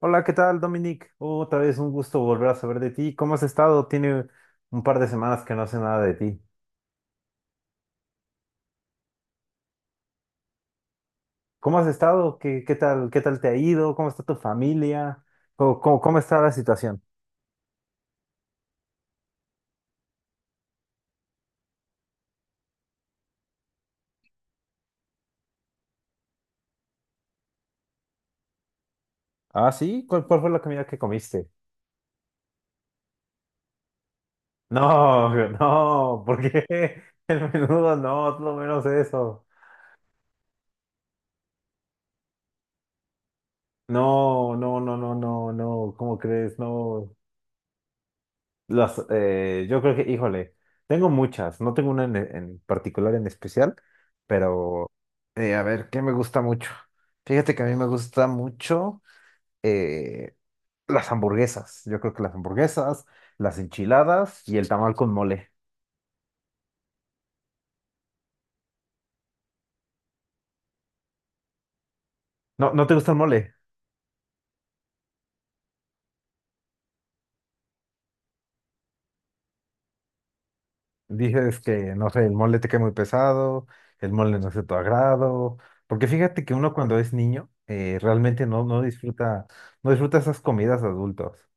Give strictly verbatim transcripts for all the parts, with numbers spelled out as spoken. Hola, ¿qué tal, Dominic? Otra vez un gusto volver a saber de ti. ¿Cómo has estado? Tiene un par de semanas que no sé nada de ti. ¿Cómo has estado? ¿Qué, qué tal, qué tal te ha ido? ¿Cómo está tu familia? ¿Cómo, cómo- cómo está la situación? Ah, sí, ¿cuál, cuál fue la comida que comiste? No, no, ¿por qué? El menudo no, es lo menos eso. No, no, no, no, no, no, ¿cómo crees? No. Las, eh, yo creo que, híjole, tengo muchas, no tengo una en, en particular en especial, pero eh, a ver, ¿qué me gusta mucho? Fíjate que a mí me gusta mucho eh, las hamburguesas. Yo creo que las hamburguesas, las enchiladas y el tamal con mole. No, ¿no te gusta el mole? Dices que, no sé, el mole te cae muy pesado, el mole no es de tu agrado, porque fíjate que uno cuando es niño eh, realmente no, no disfruta, no disfruta esas comidas adultos.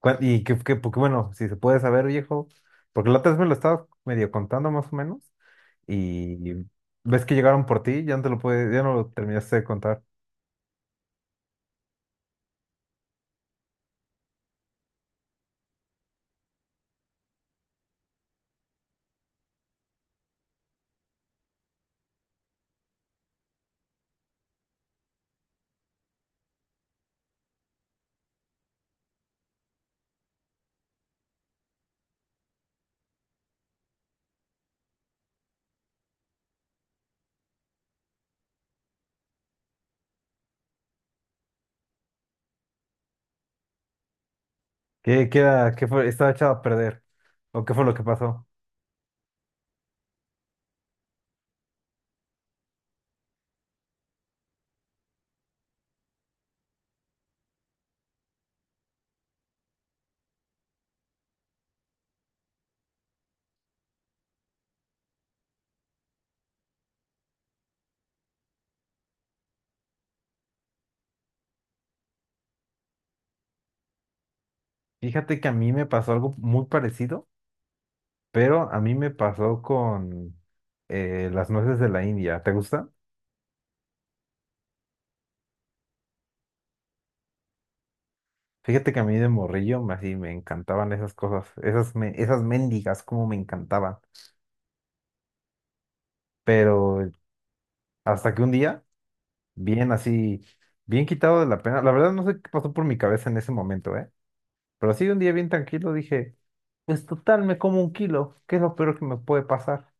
Cua- Y que, que- porque bueno, si se puede saber, viejo, porque la otra vez me lo estabas medio contando más o menos, y ves que llegaron por ti, ya no te lo puede, ya no lo terminaste de contar. ¿Qué, qué era- qué fue? Estaba echado a perder. ¿O qué fue lo que pasó? Fíjate que a mí me pasó algo muy parecido, pero a mí me pasó con eh, las nueces de la India. ¿Te gusta? Fíjate que a mí de morrillo me- así me encantaban esas cosas, esas, me- esas mendigas, como me encantaban. Pero hasta que un día. Bien así, bien quitado de la pena. La verdad no sé qué pasó por mi cabeza en ese momento, ¿eh? Pero así un día bien tranquilo dije, pues total, me como un kilo, ¿qué es lo peor que me puede pasar?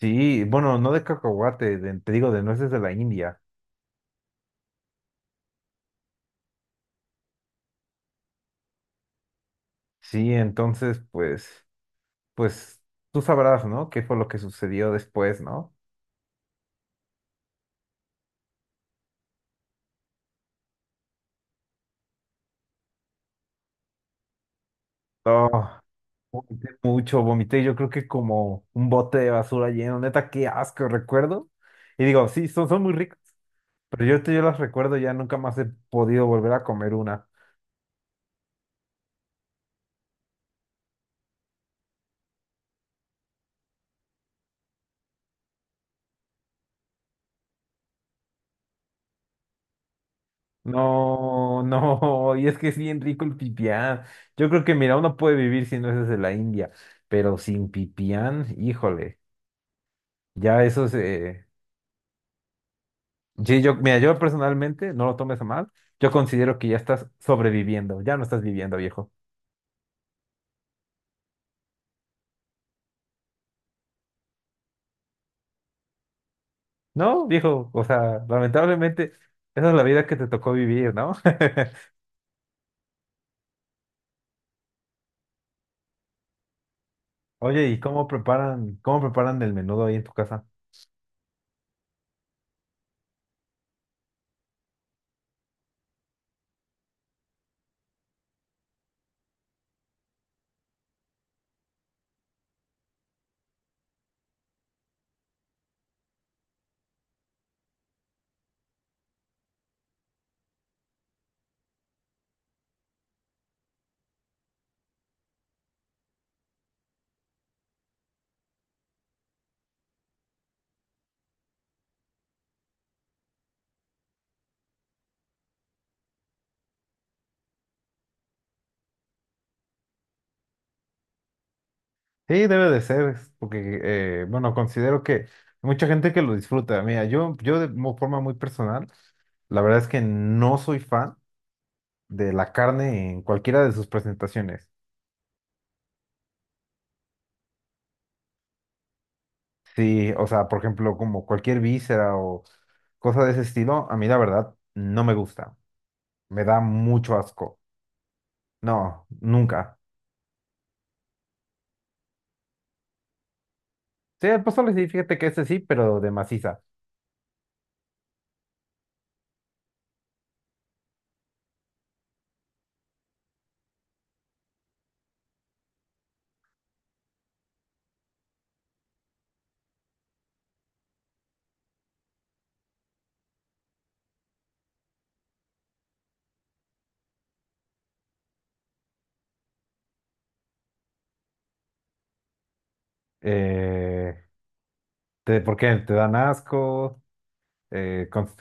Sí, bueno, no de cacahuate, de- te digo, de nueces de la India. Sí, entonces, pues, pues tú sabrás, ¿no? ¿Qué fue lo que sucedió después, no? Oh, vomité mucho, vomité, yo creo que como un bote de basura lleno, neta, qué asco, recuerdo. Y digo, sí, son, son muy ricos. Pero yo, te- yo las recuerdo, ya nunca más he podido volver a comer una. No, no, y es que es bien rico el pipián. Yo creo que, mira, uno puede vivir sin nueces de la India, pero sin pipián, híjole, ya eso se... Sí, yo, mira, yo personalmente, no lo tomes a mal, yo considero que ya estás sobreviviendo, ya no estás viviendo, viejo. No, viejo, o sea, lamentablemente, esa es la vida que te tocó vivir, ¿no? Oye, ¿y cómo preparan, cómo preparan el menudo ahí en tu casa? Sí, debe de ser, es porque, eh, bueno, considero que hay mucha gente que lo disfruta. Mira, yo, yo de mo- forma muy personal, la verdad es que no soy fan de la carne en cualquiera de sus presentaciones. Sí, o sea, por ejemplo, como cualquier víscera o cosa de ese estilo, a mí la verdad no me gusta. Me da mucho asco. No, nunca. Sí, el pozole sí, fíjate que este sí, pero de maciza. Eh, te- ¿por qué? Te dan asco. Eh, cons-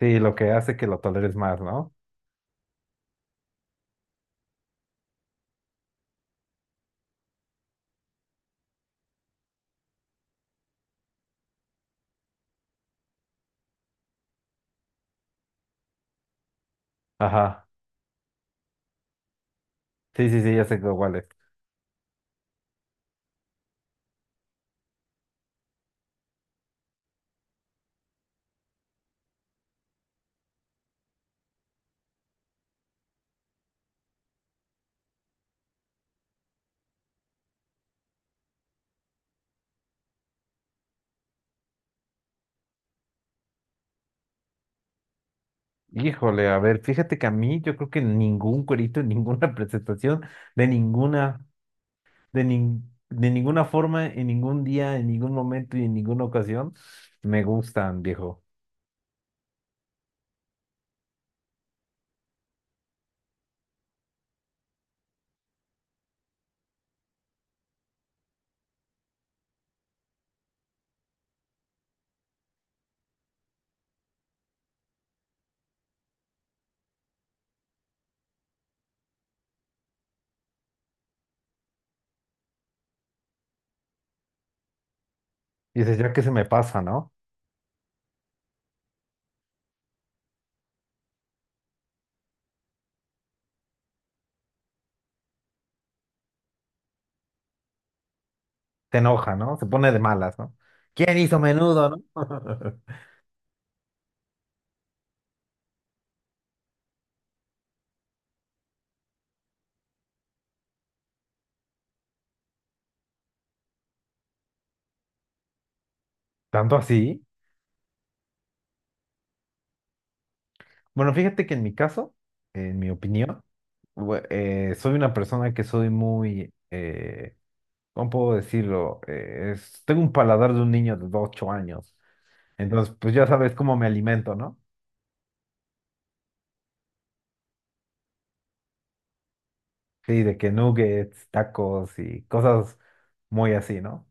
sí, lo que hace que lo toleres más, ¿no? Ajá. Sí, sí, sí, ya sé cuál es. Híjole, a ver, fíjate que a mí yo creo que ningún cuerito, en ninguna presentación, de ninguna, de, nin- de ninguna forma, en ningún día, en ningún momento y en ninguna ocasión, me gustan, viejo. Dices, ya que se me pasa, ¿no? Te enoja, ¿no? Se pone de malas, ¿no? ¿Quién hizo menudo, no? Tanto así. Bueno, fíjate que en mi caso, en mi opinión, bue- eh, soy una persona que soy muy... eh, ¿Cómo puedo decirlo? Eh, es- tengo un paladar de un niño de ocho años. Entonces, pues ya sabes cómo me alimento, ¿no? Sí, de que nuggets, tacos y cosas muy así, ¿no?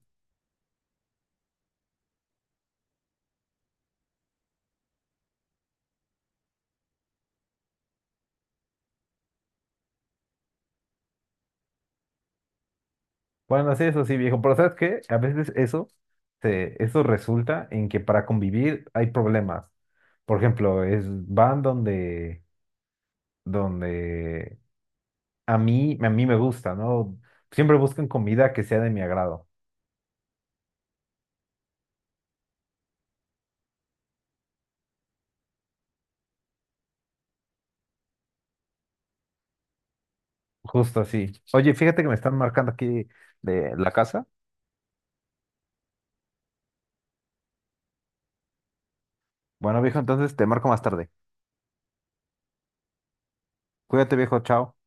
Bueno, sí, eso sí, viejo. Pero ¿sabes qué? A veces eso, se- eso resulta en que para convivir hay problemas. Por ejemplo, es, van donde, donde a mí, a mí me gusta, ¿no? Siempre buscan comida que sea de mi agrado. Justo así. Oye, fíjate que me están marcando aquí de la casa. Bueno, viejo, entonces te marco más tarde. Cuídate, viejo, chao.